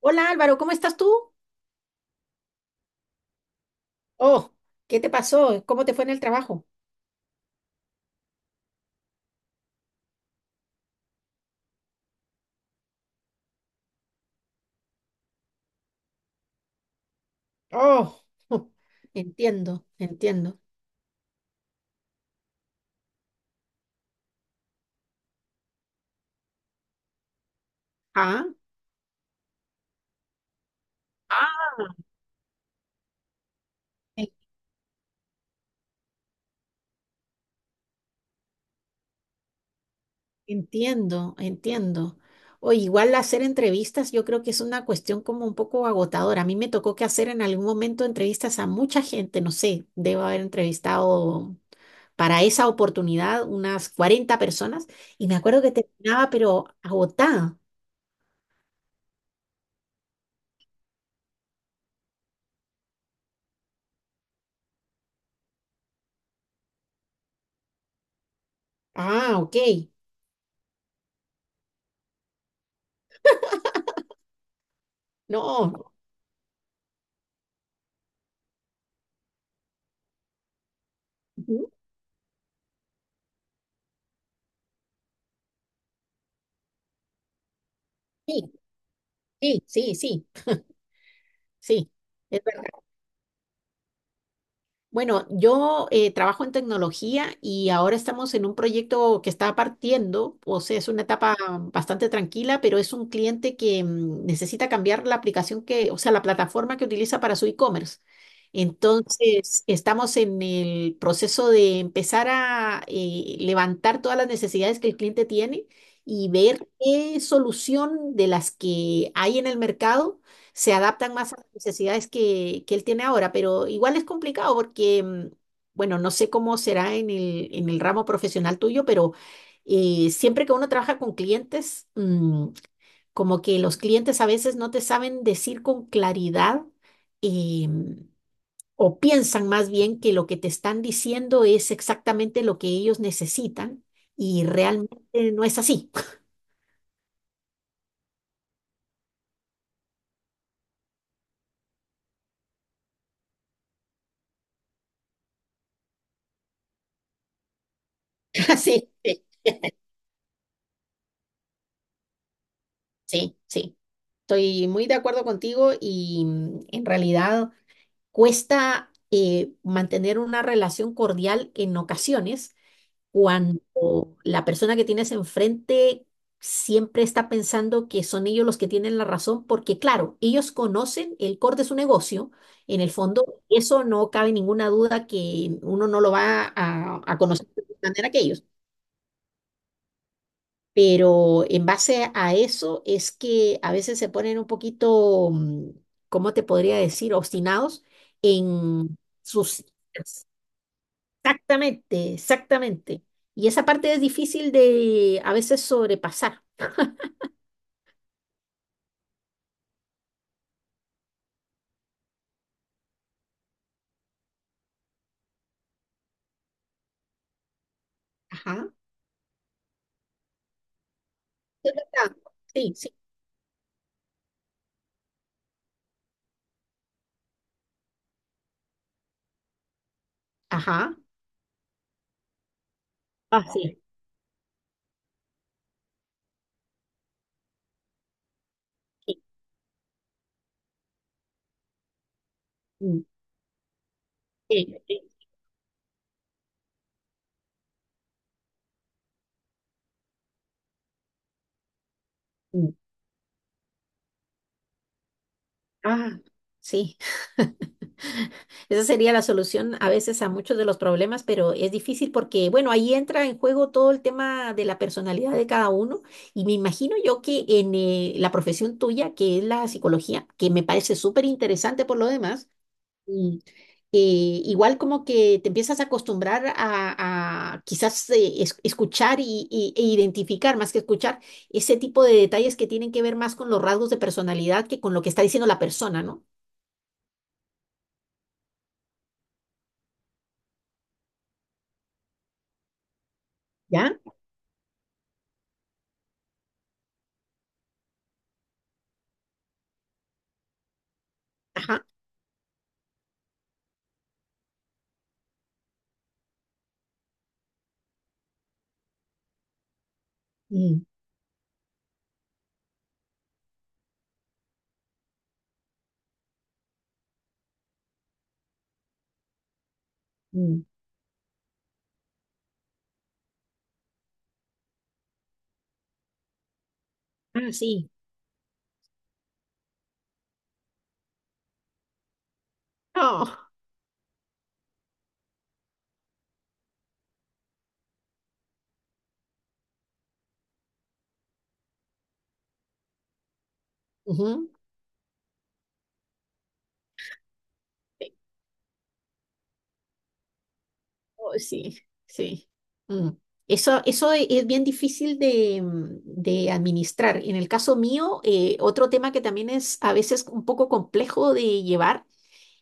Hola Álvaro, ¿cómo estás tú? Oh, ¿qué te pasó? ¿Cómo te fue en el trabajo? Oh, entiendo, entiendo. Ah, ah, en- entiendo, entiendo. O igual hacer entrevistas, yo creo que es una cuestión como un poco agotadora. A mí me tocó que hacer en algún momento entrevistas a mucha gente, no sé, debo haber entrevistado para esa oportunidad unas 40 personas y me acuerdo que terminaba pero agotada. Ah, ok. No. Ujú. Sí, sí, sí, sí. Sí, es verdad. Bueno, yo trabajo en tecnología y ahora estamos en un proyecto que está partiendo, o sea, es una etapa bastante tranquila, pero es un cliente que necesita cambiar la aplicación que, o sea, la plataforma que utiliza para su e-commerce. Entonces, estamos en el proceso de empezar a levantar todas las necesidades que el cliente tiene y ver qué solución de las que hay en el mercado se adaptan más a las necesidades que él tiene ahora, pero igual es complicado porque, bueno, no sé cómo será en el ramo profesional tuyo, pero siempre que uno trabaja con clientes, como que los clientes a veces no te saben decir con claridad, eh, o piensan más bien que lo que te están diciendo es exactamente lo que ellos necesitan y realmente no es así. Sí, sí, sí, sí. Estoy muy de acuerdo contigo y, en realidad cuesta, mantener una relación cordial en ocasiones cuando la persona que tienes enfrente siempre está pensando que son ellos los que tienen la razón, porque claro, ellos conocen el core de su negocio, en el fondo, eso no cabe ninguna duda que uno no lo va a conocer de manera que ellos. Pero en base a eso es que a veces se ponen un poquito, ¿cómo te podría decir?, obstinados en sus... Exactamente, exactamente. Y esa parte es difícil de a veces sobrepasar. Ajá. Es verdad. Sí, sí. Ajá. Ah, sí. Sí. Mm, sí, sí. Ah, sí. Esa sería la solución a veces a muchos de los problemas, pero es difícil porque, bueno, ahí entra en juego todo el tema de la personalidad de cada uno y me imagino yo que en, la profesión tuya, que es la psicología, que me parece súper interesante por lo demás. Mm. Igual como que te empiezas a acostumbrar a quizás escuchar e identificar, más que escuchar, ese tipo de detalles que tienen que ver más con los rasgos de personalidad que con lo que está diciendo la persona, ¿no? ¿Ya? Ajá. Mm, mm. Ah, sí. Oh, ujú. Oh, sí, sí. Mm. Eso es bien difícil de, de administrar. En el caso mío, otro tema que también es a veces un poco complejo de llevar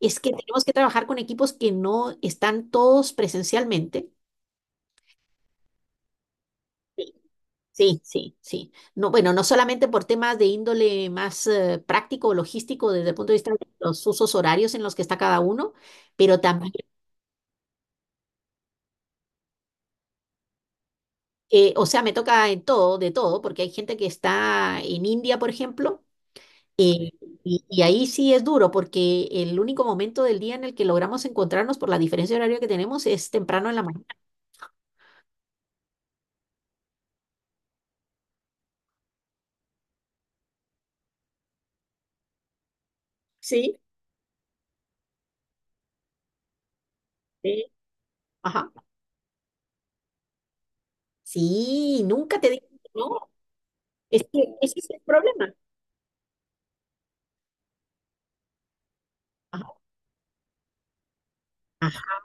es que tenemos que trabajar con equipos que no están todos presencialmente. Sí, sí, sí. Sí, no, bueno, no solamente por temas de índole más, práctico o logístico desde el punto de vista de los usos horarios en los que está cada uno, pero también, o sea, me toca en todo, de todo, porque hay gente que está en India, por ejemplo, eh, y ahí sí es duro, porque el único momento del día en el que logramos encontrarnos por la diferencia horaria que tenemos es temprano en la mañana. Sí, sí. Ajá. Sí, nunca te dije que no. Es que ese es el problema. Ajá, ajá,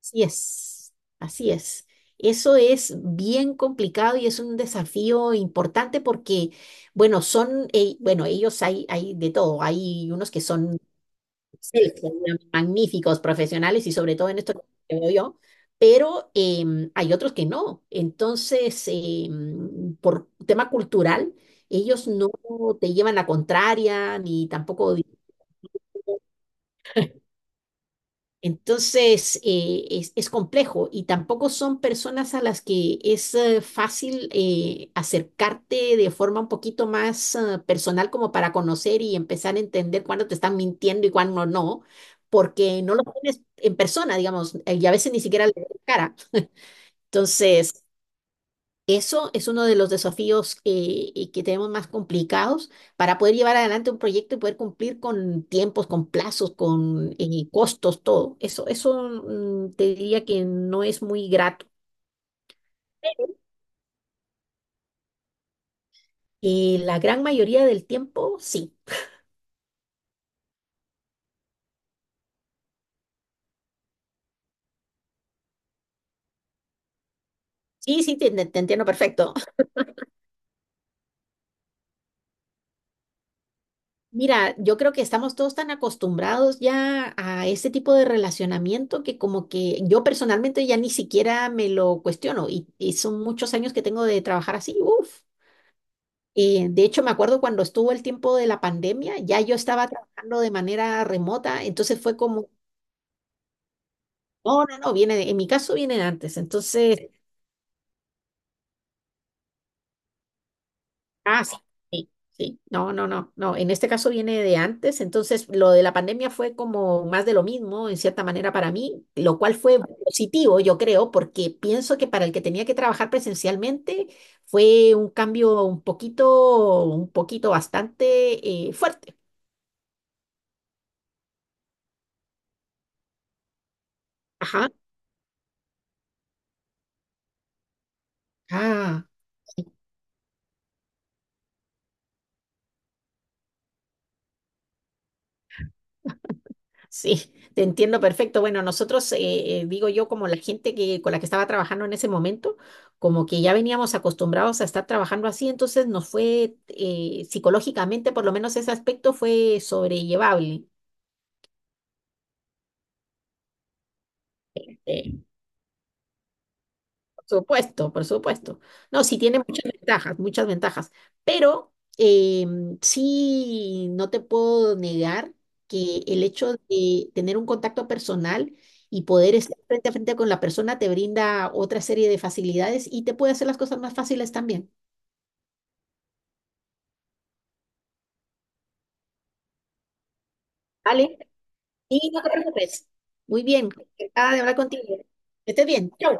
así es, así es. Eso es bien complicado y es un desafío importante porque, bueno, son, bueno, ellos hay de todo. Hay unos que son excelsos, magníficos profesionales y sobre todo en esto que veo yo, pero hay otros que no. Entonces, por tema cultural, ellos no te llevan la contraria ni tampoco. Entonces, es complejo y tampoco son personas a las que es fácil, acercarte de forma un poquito más, personal como para conocer y empezar a entender cuándo te están mintiendo y cuándo no, porque no lo tienes en persona, digamos, y a veces ni sicara le ves la cara. Entonces, eso es uno de los desafíos, y que tenemos más complicados para poder llevar adelante un proyecto y poder cumplir con tiempos, con plazos, con costos, todo. Eso, te diría que no es muy grato. Y la gran mayoría del tiempo, sí. Sí, sí, te, te entiendo perfecto. Mira, yo creo que estamos todos tan acostumbrados ya a este tipo de relacionamiento que como que yo personalmente ya ni siquiera me lo cuestiono y son muchos años que tengo de trabajar así. Uf. De hecho, me acuerdo cuando estuvo el tiempo de la pandemia, ya yo estaba trabajando de manera remota, entonces fue como, no, no, no, viene, en mi caso viene de antes, entonces, ah, sí, sí, sí, no, no, no, no, en este caso viene de antes, entonces lo de la pandemia fue como más de lo mismo, en cierta manera para mí, lo cual fue positivo, yo creo, porque pienso que para el que tenía que trabajar presencialmente fue un cambio un poquito bastante, fuerte. Ajá. Ah. Sí, te entiendo perfecto. Bueno, nosotros, digo yo, como la gente que, con la que estaba trabajando en ese momento, como que ya veníamos acostumbrados a estar trabajando así, entonces nos fue, psicológicamente, por lo menos ese aspecto fue sobrellevable. Eh, Por supuesto, por supuesto. No, sí tiene muchas ventajas, pero sí no te puedo negar que el hecho de tener un contacto personal y poder estar frente a frente con la persona te brinda otra serie de facilidades y te puede hacer las cosas más fáciles también. ¿Vale? Y no te preocupes. Muy bien, encantada de hablar contigo. Que estés bien. Chau.